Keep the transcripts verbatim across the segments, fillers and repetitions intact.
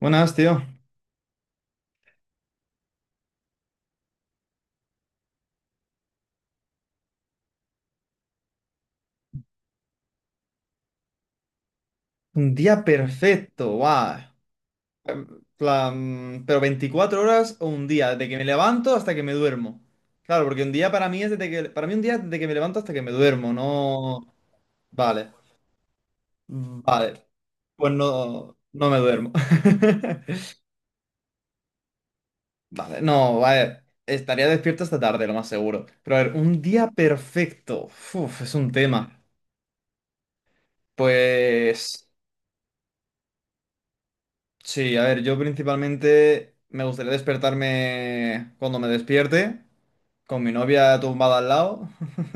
Buenas, tío. Un día perfecto, guau. Plan, pero 24 horas o un día, desde que me levanto hasta que me duermo. Claro, porque un día para mí es desde que, para mí un día es desde que me levanto hasta que me duermo, no. Vale, vale. Pues no, no me duermo. Vale, no, vale. Estaría despierto esta tarde, lo más seguro. Pero a ver, un día perfecto. Uf, es un tema. Pues sí, a ver, yo principalmente me gustaría despertarme cuando me despierte, con mi novia tumbada al lado.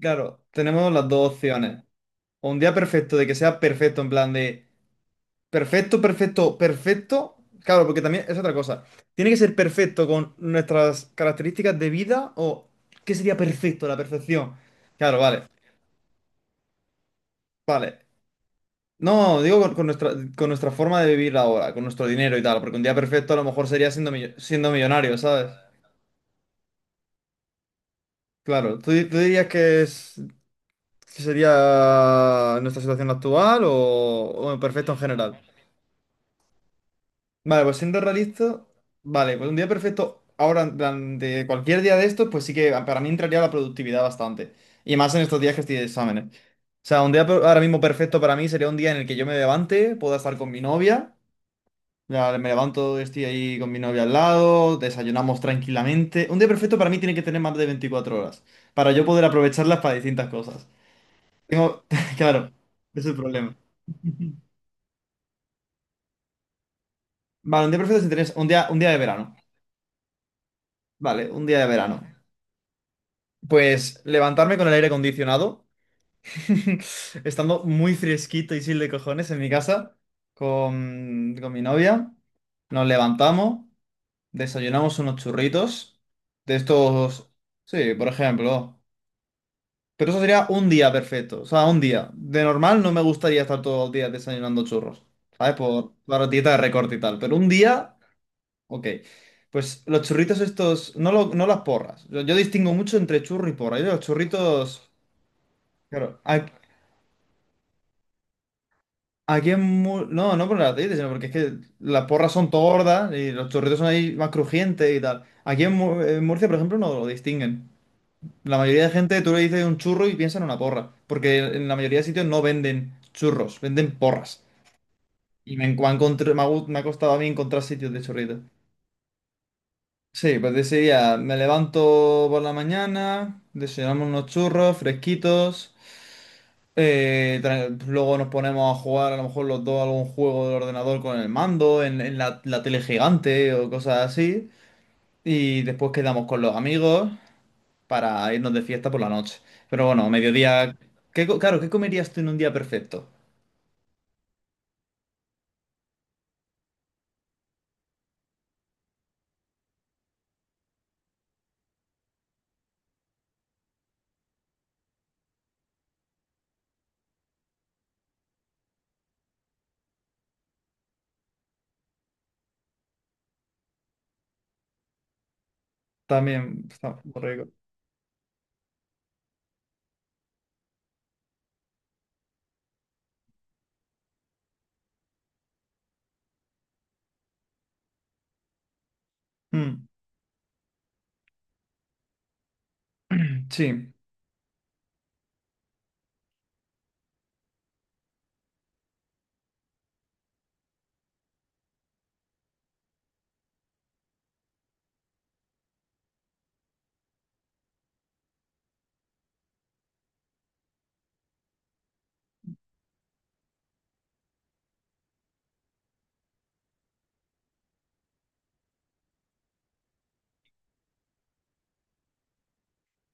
Claro, tenemos las dos opciones. O un día perfecto, de que sea perfecto, en plan de perfecto, perfecto, perfecto. Claro, porque también es otra cosa. Tiene que ser perfecto con nuestras características de vida o ¿qué sería perfecto? La perfección. Claro, vale, vale. No, digo con, con nuestra, con nuestra forma de vivir ahora, con nuestro dinero y tal, porque un día perfecto a lo mejor sería siendo, millo- siendo millonario, ¿sabes? Claro, tú, di- tú dirías que es ¿qué sería nuestra situación actual o, o perfecto en general? Vale, pues siendo realista, vale, pues un día perfecto, ahora, en plan, de cualquier día de estos, pues sí que para mí entraría la productividad bastante. Y más en estos días que estoy de exámenes. O sea, un día per- ahora mismo perfecto para mí sería un día en el que yo me levante, pueda estar con mi novia. Ya me levanto, estoy ahí con mi novia al lado, desayunamos tranquilamente. Un día perfecto para mí tiene que tener más de veinticuatro horas, para yo poder aprovecharlas para distintas cosas. Tengo, claro, ese es el problema. Vale, un día perfecto sin tener un día, un día de verano. Vale, un día de verano. Pues levantarme con el aire acondicionado, estando muy fresquito y sin de cojones en mi casa, con, con mi novia. Nos levantamos, desayunamos unos churritos de estos, sí, por ejemplo. Pero eso sería un día perfecto, o sea, un día. De normal no me gustaría estar todos los días desayunando churros, ¿sabes? Por la dieta de recorte y tal. Pero un día. Ok, pues los churritos estos, no, lo- no las porras. Yo, yo distingo mucho entre churro y porra. Yo los churritos, claro, a- aquí en Mu- no, no por las dientes, sino porque es que las porras son tordas y los churritos son ahí más crujientes y tal. Aquí en, Mu- en Murcia, por ejemplo, no lo distinguen. La mayoría de gente, tú le dices un churro y piensa en una porra, porque en la mayoría de sitios no venden churros, venden porras. Y me, encu- me ha encontr- me ha gu- me ha costado a mí encontrar sitios de churritos. Sí, pues decidía, me levanto por la mañana, desayunamos unos churros fresquitos, eh, tra- luego nos ponemos a jugar a lo mejor los dos algún juego del ordenador con el mando, en en la, la tele gigante o cosas así, y después quedamos con los amigos para irnos de fiesta por la noche. Pero bueno, mediodía, ¿qué, co- claro, ¿qué comerías tú en un día perfecto? También está muy rico. Mm. Sí.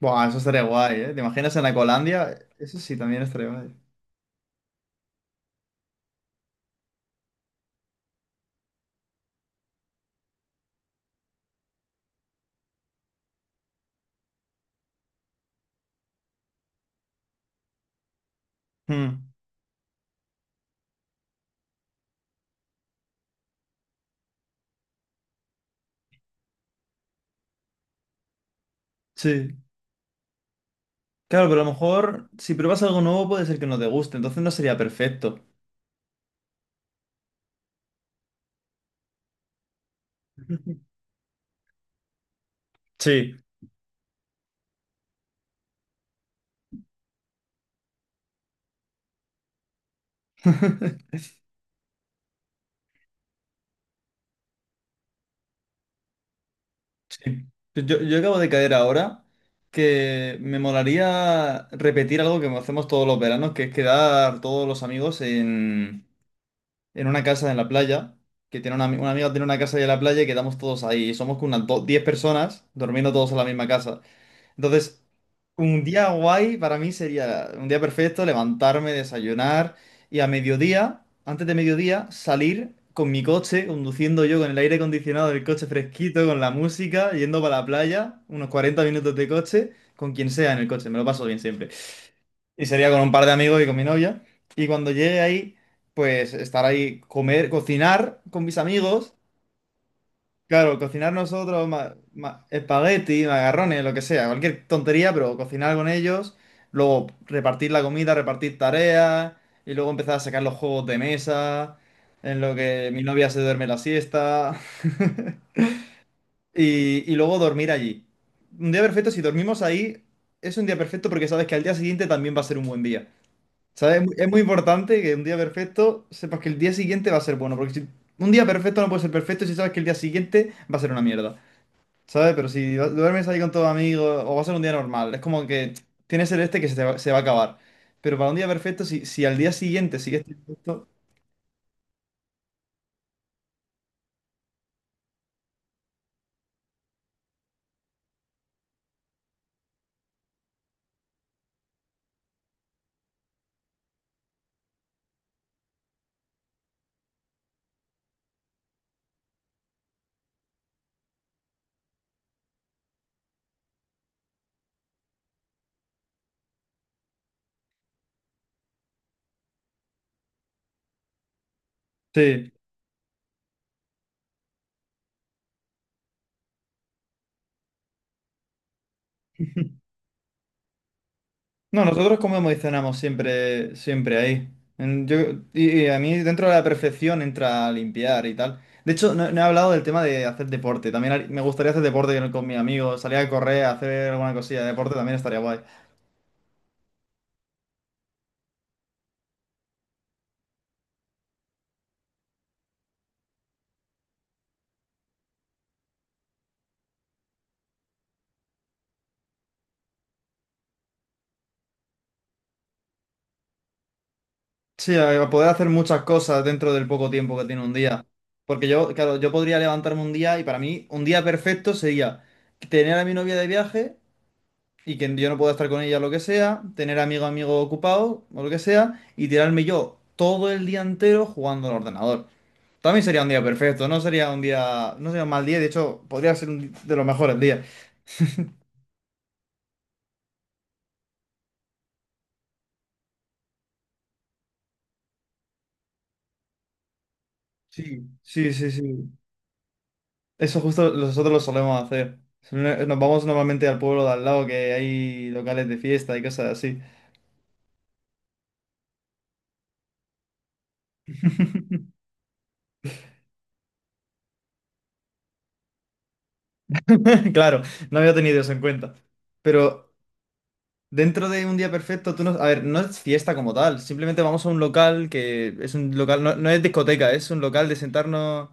Buah, eso estaría guay, ¿eh? ¿Te imaginas en Ecolandia? Eso sí, también estaría guay. Mm. Sí. Claro, pero a lo mejor si pruebas algo nuevo puede ser que no te guste, entonces no sería perfecto. Sí. Sí. Yo, yo acabo de caer ahora que me molaría repetir algo que hacemos todos los veranos, que es quedar todos los amigos en, en una casa en la playa, que tiene una, ami- una amiga tiene una casa ahí en la playa y quedamos todos ahí. Somos como unas do- 10 personas durmiendo todos en la misma casa. Entonces, un día guay para mí sería un día perfecto, levantarme, desayunar y a mediodía, antes de mediodía, salir con mi coche, conduciendo yo con el aire acondicionado del coche fresquito, con la música, yendo para la playa, unos cuarenta minutos de coche, con quien sea en el coche, me lo paso bien siempre. Y sería con un par de amigos y con mi novia. Y cuando llegue ahí, pues estar ahí, comer, cocinar con mis amigos. Claro, cocinar nosotros ma- ma- espagueti, macarrones, lo que sea, cualquier tontería, pero cocinar con ellos, luego repartir la comida, repartir tareas, y luego empezar a sacar los juegos de mesa, en lo que mi novia se duerme la siesta, y, y luego dormir allí. Un día perfecto, si dormimos ahí, es un día perfecto porque sabes que al día siguiente también va a ser un buen día. ¿Sabes? Es muy es muy importante que un día perfecto sepas que el día siguiente va a ser bueno, porque si un día perfecto no puede ser perfecto si sabes que el día siguiente va a ser una mierda. ¿Sabes? Pero si va- duermes ahí con tus amigos o va a ser un día normal, es como que tienes el este que se, te va, se va a acabar. Pero para un día perfecto, si, si al día siguiente sigues teniendo esto. Sí. No, nosotros comemos y cenamos siempre, siempre ahí. En- yo- y, y a mí dentro de la perfección entra limpiar y tal. De hecho, no, no he hablado del tema de hacer deporte. También har- me gustaría hacer deporte con con mis amigos, salir a correr, hacer alguna cosilla de deporte también estaría guay. Sí, a a poder hacer muchas cosas dentro del poco tiempo que tiene un día. Porque yo, claro, yo podría levantarme un día y para mí un día perfecto sería tener a mi novia de viaje y que yo no pueda estar con ella lo que sea, tener amigo amigo ocupado o lo que sea y tirarme yo todo el día entero jugando al ordenador. También sería un día perfecto, no sería un día, no sería un mal día, de hecho podría ser un di- de los mejores días. Sí, sí, sí, sí. Eso justo nosotros lo solemos hacer. Sole- Nos vamos normalmente al pueblo de al lado, que hay locales de fiesta y cosas así. Claro, no había tenido eso en cuenta. Pero dentro de un día perfecto, tú no. A ver, no es fiesta como tal. Simplemente vamos a un local que es un local, no, no es discoteca, es un local de sentarnos.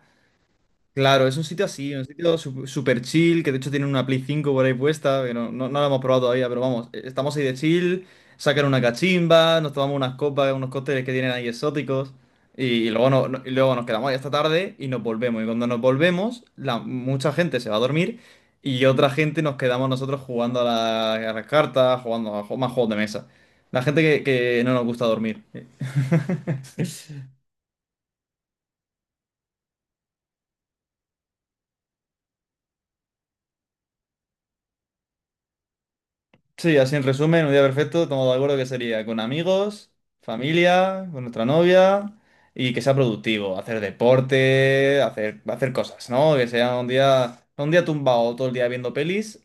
Claro, es un sitio así, un sitio su- super chill, que de hecho tiene una Play 5 por ahí puesta, que no, no, no la hemos probado todavía, pero vamos, eh, estamos ahí de chill, sacan una cachimba, nos tomamos unas copas, unos cócteles que tienen ahí exóticos, y, y luego, no- no- y luego nos quedamos ahí hasta tarde y nos volvemos. Y cuando nos volvemos, la, mucha gente se va a dormir y otra gente nos quedamos nosotros jugando a, la- a las cartas, jugando a ju- más juegos de mesa. La gente que, que no nos gusta dormir. Sí, así en resumen, un día perfecto, estamos de acuerdo que sería con amigos, familia, con nuestra novia y que sea productivo, hacer deporte, hacer, hacer cosas, ¿no? Que sea un día, un día tumbado todo el día viendo pelis.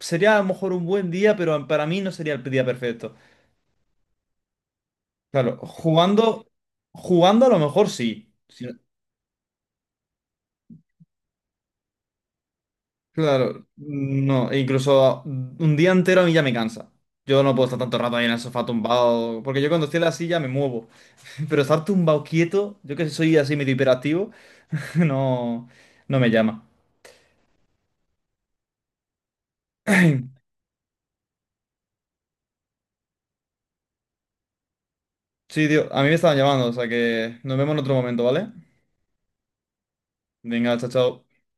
Sería a lo mejor un buen día, pero para mí no sería el día perfecto. Claro, jugando, jugando a lo mejor sí. Sí. Claro, no, e incluso un día entero a mí ya me cansa. Yo no puedo estar tanto rato ahí en el sofá tumbado, porque yo cuando estoy en la silla me muevo. Pero estar tumbado quieto, yo que soy así medio hiperactivo, no, no me llama. Sí, tío, a mí me estaban llamando, o sea que nos vemos en otro momento, ¿vale? Venga, chao, chao.